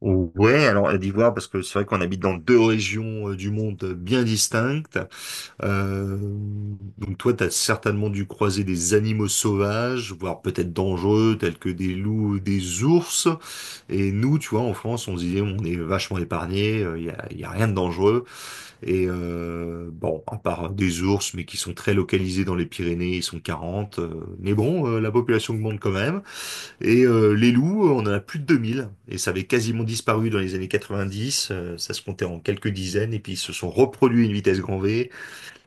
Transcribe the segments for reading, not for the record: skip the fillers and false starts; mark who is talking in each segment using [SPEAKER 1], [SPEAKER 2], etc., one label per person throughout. [SPEAKER 1] Ouais, alors Côte d'Ivoire, parce que c'est vrai qu'on habite dans deux régions du monde bien distinctes. Euh, donc toi, tu as certainement dû croiser des animaux sauvages, voire peut-être dangereux, tels que des loups ou des ours. Et nous, tu vois, en France, on se disait, on est vachement épargnés, y a rien de dangereux. Et bon, à part des ours, mais qui sont très localisés dans les Pyrénées, ils sont 40. Mais bon, la population augmente quand même. Et les loups, on en a plus de 2 000, et ça avait quasiment disparu dans les années 90, ça se comptait en quelques dizaines, et puis ils se sont reproduits à une vitesse grand V,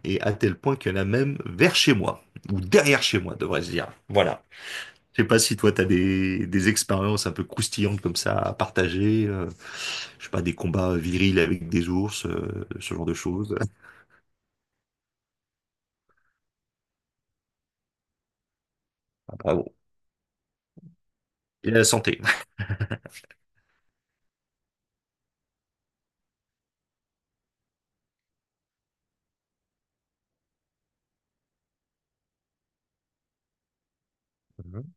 [SPEAKER 1] et à tel point qu'il y en a même vers chez moi, ou derrière chez moi, devrais-je dire. Voilà. Je sais pas si toi, t'as des expériences un peu croustillantes comme ça à partager, je sais pas, des combats virils avec des ours, ce genre de choses. Ah bon. Et la santé. Mhm,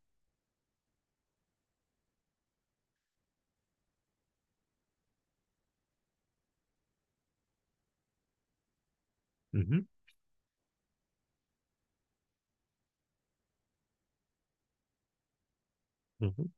[SPEAKER 1] mhm, mhm,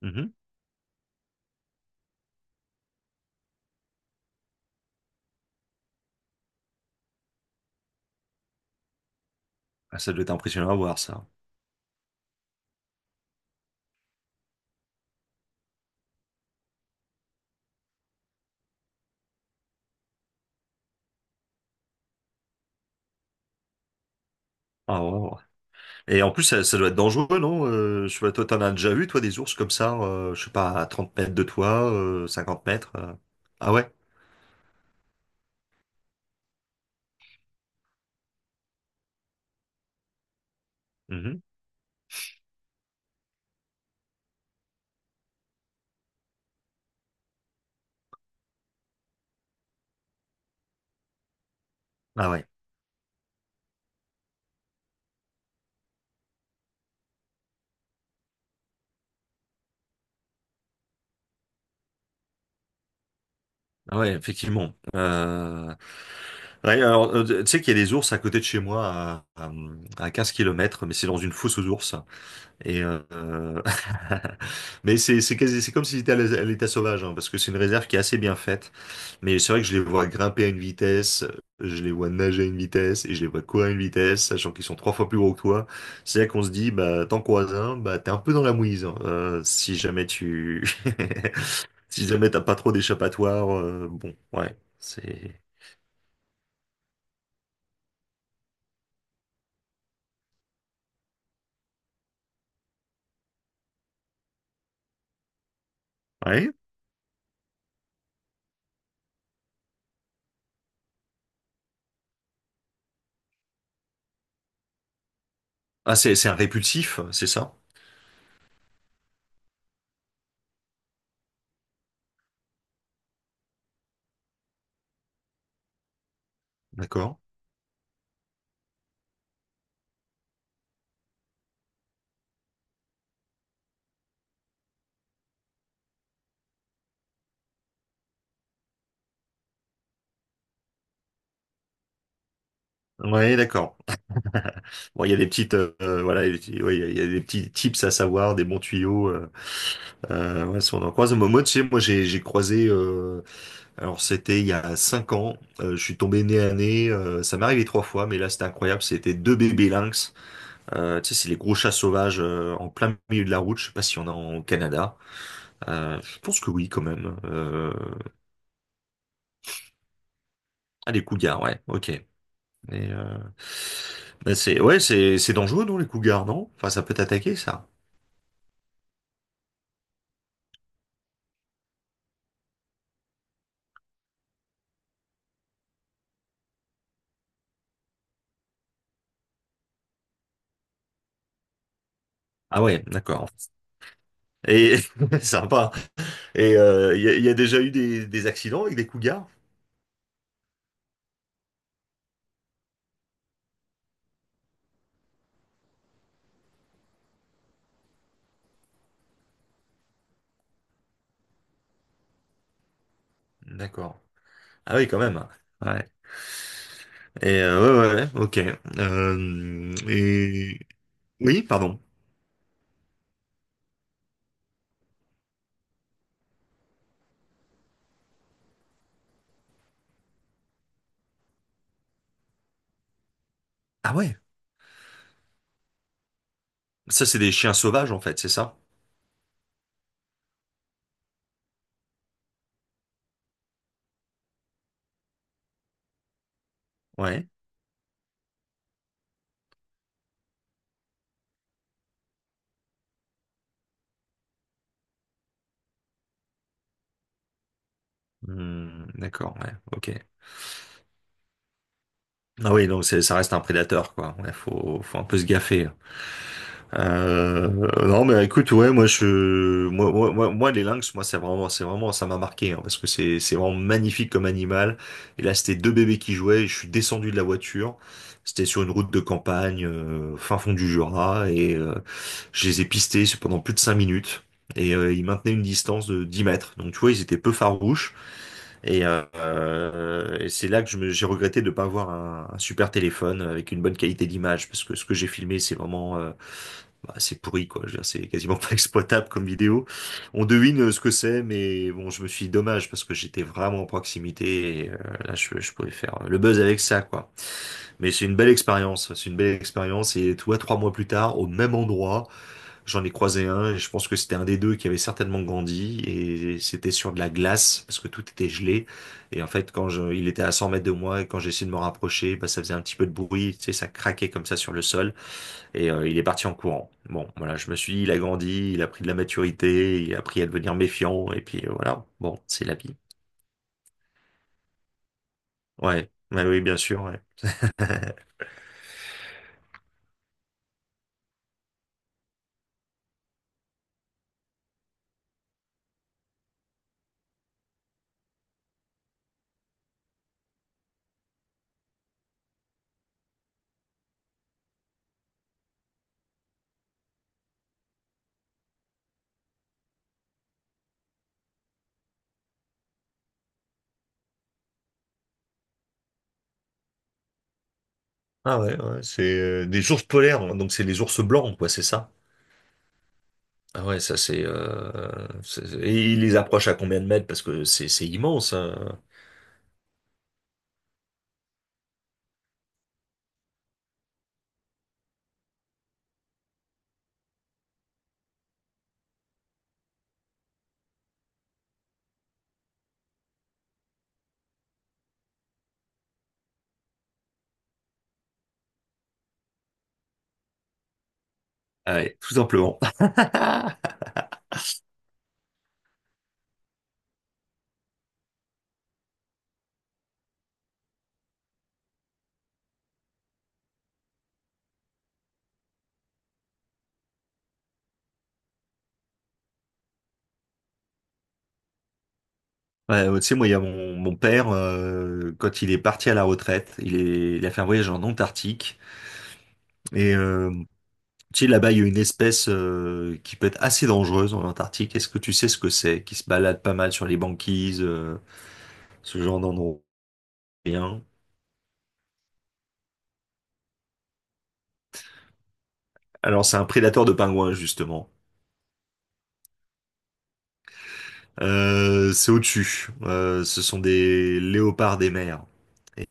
[SPEAKER 1] mhm. Ah, ça doit être impressionnant à voir, ça. Ah, ouais, ouais. Et en plus, ça doit être dangereux, non? Je sais pas, toi, t'en as déjà vu, toi, des ours comme ça, je sais pas, à 30 mètres de toi, 50 mètres. Ah ouais? Mhm. Ah ouais. Ah ouais, effectivement. Ouais, alors, tu sais qu'il y a des ours à côté de chez moi, à 15 km, mais c'est dans une fosse aux ours. Et mais c'est comme si c'était à à l'état sauvage, hein, parce que c'est une réserve qui est assez bien faite. Mais c'est vrai que je les vois grimper à une vitesse, je les vois nager à une vitesse et je les vois courir à une vitesse, sachant qu'ils sont trois fois plus gros que toi. C'est là qu'on se dit, bah, t'en croises un, bah, t'es un peu dans la mouise, hein, si jamais tu si jamais t'as pas trop d'échappatoire. Bon, ouais, c'est. Ouais. Ah, c'est un répulsif, c'est ça? D'accord. Ouais, d'accord. Bon, il y a des petites, voilà, il y a des petits, ouais, il y a des petits tips à savoir, des bons tuyaux. Ouais, si on en croise, moi, tu sais, moi, j'ai croisé. Alors, c'était il y a 5 ans. Je suis tombé nez à nez. Ça m'est arrivé trois fois, mais là, c'était incroyable. C'était deux bébés lynx. Tu sais, c'est les gros chats sauvages en plein milieu de la route. Je sais pas si on a en Canada. Je pense que oui, quand même. Ah, les cougars, ouais. Ok. Mais, euh, mais c'est, ouais, c'est dangereux, non, les cougars, non? Enfin, ça peut t'attaquer, ça. Ah ouais, d'accord. Et sympa. Et il y a déjà eu des accidents avec des cougars? D'accord. Ah oui, quand même. Ouais. Et ouais, ouais, ouais, ok. Et oui, pardon. Ah ouais. Ça, c'est des chiens sauvages, en fait, c'est ça? Ouais. Hmm, d'accord. Ouais. Ok. Ah oui, donc c'est, ça reste un prédateur, quoi. Ouais, faut un peu se gaffer. Euh, non mais écoute, ouais, moi, je, les lynx, moi, c'est vraiment ça m'a marqué, hein, parce que c'est vraiment magnifique comme animal, et là c'était deux bébés qui jouaient et je suis descendu de la voiture, c'était sur une route de campagne, fin fond du Jura, et je les ai pistés pendant plus de 5 minutes, et ils maintenaient une distance de 10 mètres, donc tu vois, ils étaient peu farouches, et c'est là que j'ai regretté de ne pas avoir un super téléphone avec une bonne qualité d'image, parce que ce que j'ai filmé c'est vraiment bah, c'est pourri, quoi. Je veux dire, c'est quasiment pas exploitable comme vidéo. On devine ce que c'est, mais bon, je me suis dit dommage parce que j'étais vraiment en proximité, et là, je pouvais faire le buzz avec ça, quoi. Mais c'est une belle expérience. C'est une belle expérience, et toi, 3 mois plus tard, au même endroit, j'en ai croisé un et je pense que c'était un des deux qui avait certainement grandi, et c'était sur de la glace parce que tout était gelé. Et en fait, il était à 100 mètres de moi et quand j'ai essayé de me rapprocher, bah, ça faisait un petit peu de bruit, tu sais, ça craquait comme ça sur le sol. Et il est parti en courant. Bon, voilà, je me suis dit, il a grandi, il a pris de la maturité, il a appris à devenir méfiant, et puis voilà, bon, c'est la vie. Ouais, ouais, oui, bien sûr, ouais. Ah ouais, ouais, c'est des ours polaires, hein, donc c'est les ours blancs, quoi, c'est ça? Ah ouais, ça c'est. Et il les approche à combien de mètres? Parce que c'est immense, hein. Ah ouais, tout simplement. Ouais, ouais, tu sais, moi, il y a mon père, quand il est parti à la retraite, il a fait un voyage en Antarctique. et euh, Tu sais, là-bas, il y a une espèce qui peut être assez dangereuse en Antarctique. Est-ce que tu sais ce que c'est? Qui se balade pas mal sur les banquises, ce genre d'endroit. Rien. Alors, c'est un prédateur de pingouins, justement. C'est au-dessus. Ce sont des léopards des mers.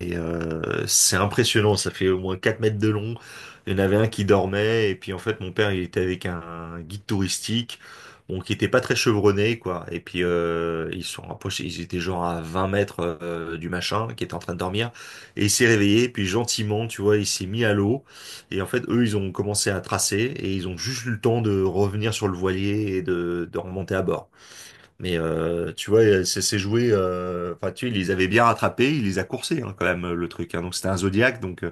[SPEAKER 1] Et c'est impressionnant, ça fait au moins 4 mètres de long. Il y en avait un qui dormait, et puis en fait mon père il était avec un guide touristique, bon, qui était pas très chevronné, quoi. Et puis ils se sont rapprochés, ils étaient genre à 20 mètres du machin qui était en train de dormir. Et il s'est réveillé, puis gentiment, tu vois, il s'est mis à l'eau. Et en fait, eux ils ont commencé à tracer, et ils ont juste eu le temps de revenir sur le voilier et de remonter à bord. Mais tu vois, c'est joué. Enfin, tu vois, il les avait bien rattrapés, il les a coursés, hein, quand même, le truc, hein. Donc c'était un Zodiac, donc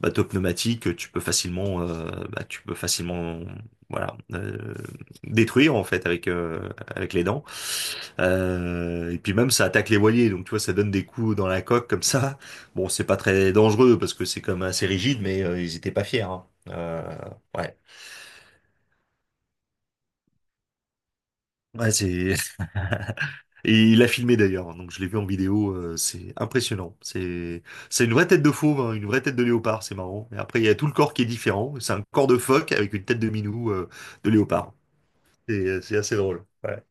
[SPEAKER 1] bateau pneumatique, tu peux facilement, tu peux facilement, voilà, détruire en fait avec les dents. Et puis même ça attaque les voiliers, donc tu vois, ça donne des coups dans la coque comme ça. Bon, c'est pas très dangereux parce que c'est comme assez rigide, mais ils étaient pas fiers, hein. Euh, ouais, ouais, c'est. Et il a filmé d'ailleurs, hein, donc je l'ai vu en vidéo, c'est impressionnant. C'est une vraie tête de fauve, hein, une vraie tête de léopard, c'est marrant. Et après, il y a tout le corps qui est différent. C'est un corps de phoque avec une tête de minou, de léopard. Et c'est assez drôle. Ouais.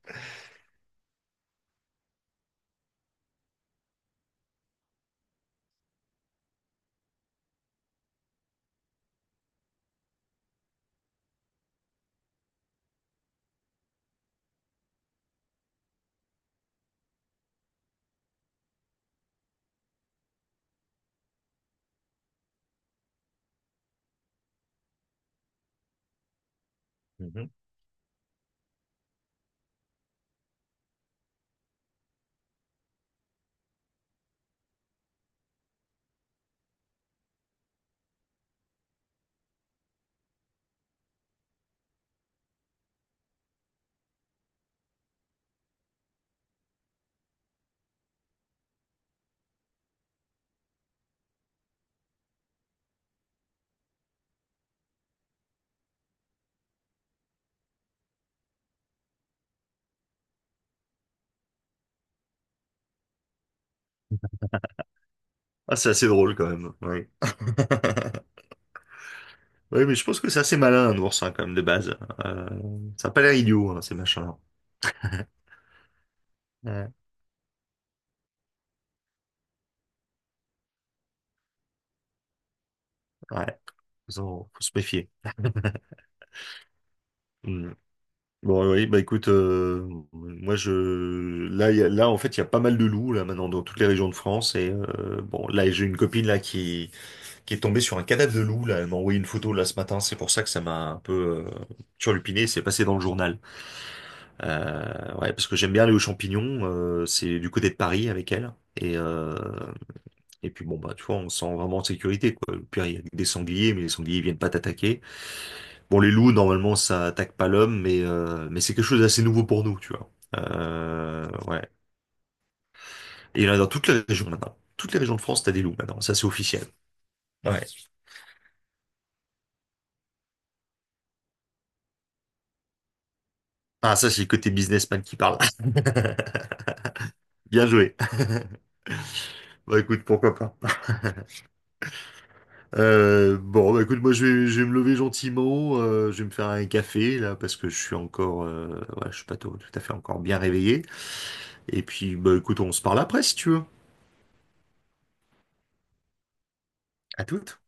[SPEAKER 1] Mhm. Ah, c'est assez drôle quand même. Ouais. Ouais, mais je pense que c'est assez malin, un ours, hein, quand même, de base. Euh, Ça a pas l'air idiot, hein, ces machins-là. Ouais. Ouais. Faut se méfier. Hmm. Bon, oui, oui, bah écoute, moi je, là, là en fait il y a pas mal de loups là maintenant dans toutes les régions de France, et bon, là j'ai une copine là qui est tombée sur un cadavre de loup, là elle m'a envoyé une photo là ce matin, c'est pour ça que ça m'a un peu turlupiné, c'est passé dans le journal, ouais, parce que j'aime bien aller aux champignons, c'est du côté de Paris avec elle, et puis bon, bah, tu vois, on se sent vraiment en sécurité, quoi. Au pire, il y a des sangliers, mais les sangliers ils viennent pas t'attaquer. Bon, les loups, normalement, ça attaque pas l'homme, mais c'est quelque chose d'assez nouveau pour nous, tu vois. Ouais. Et il y en a dans toutes les régions maintenant. Toutes les régions de France, t'as des loups maintenant. Ça, c'est officiel. Ouais. Ah, ça, c'est le côté businessman qui parle. Bien joué. Bah écoute, pourquoi pas. Bon, bah écoute, moi je vais, me lever gentiment, je vais me faire un café là parce que je suis encore, ouais, je suis pas tout à fait encore bien réveillé. Et puis, bah écoute, on se parle après si tu veux. À toutes.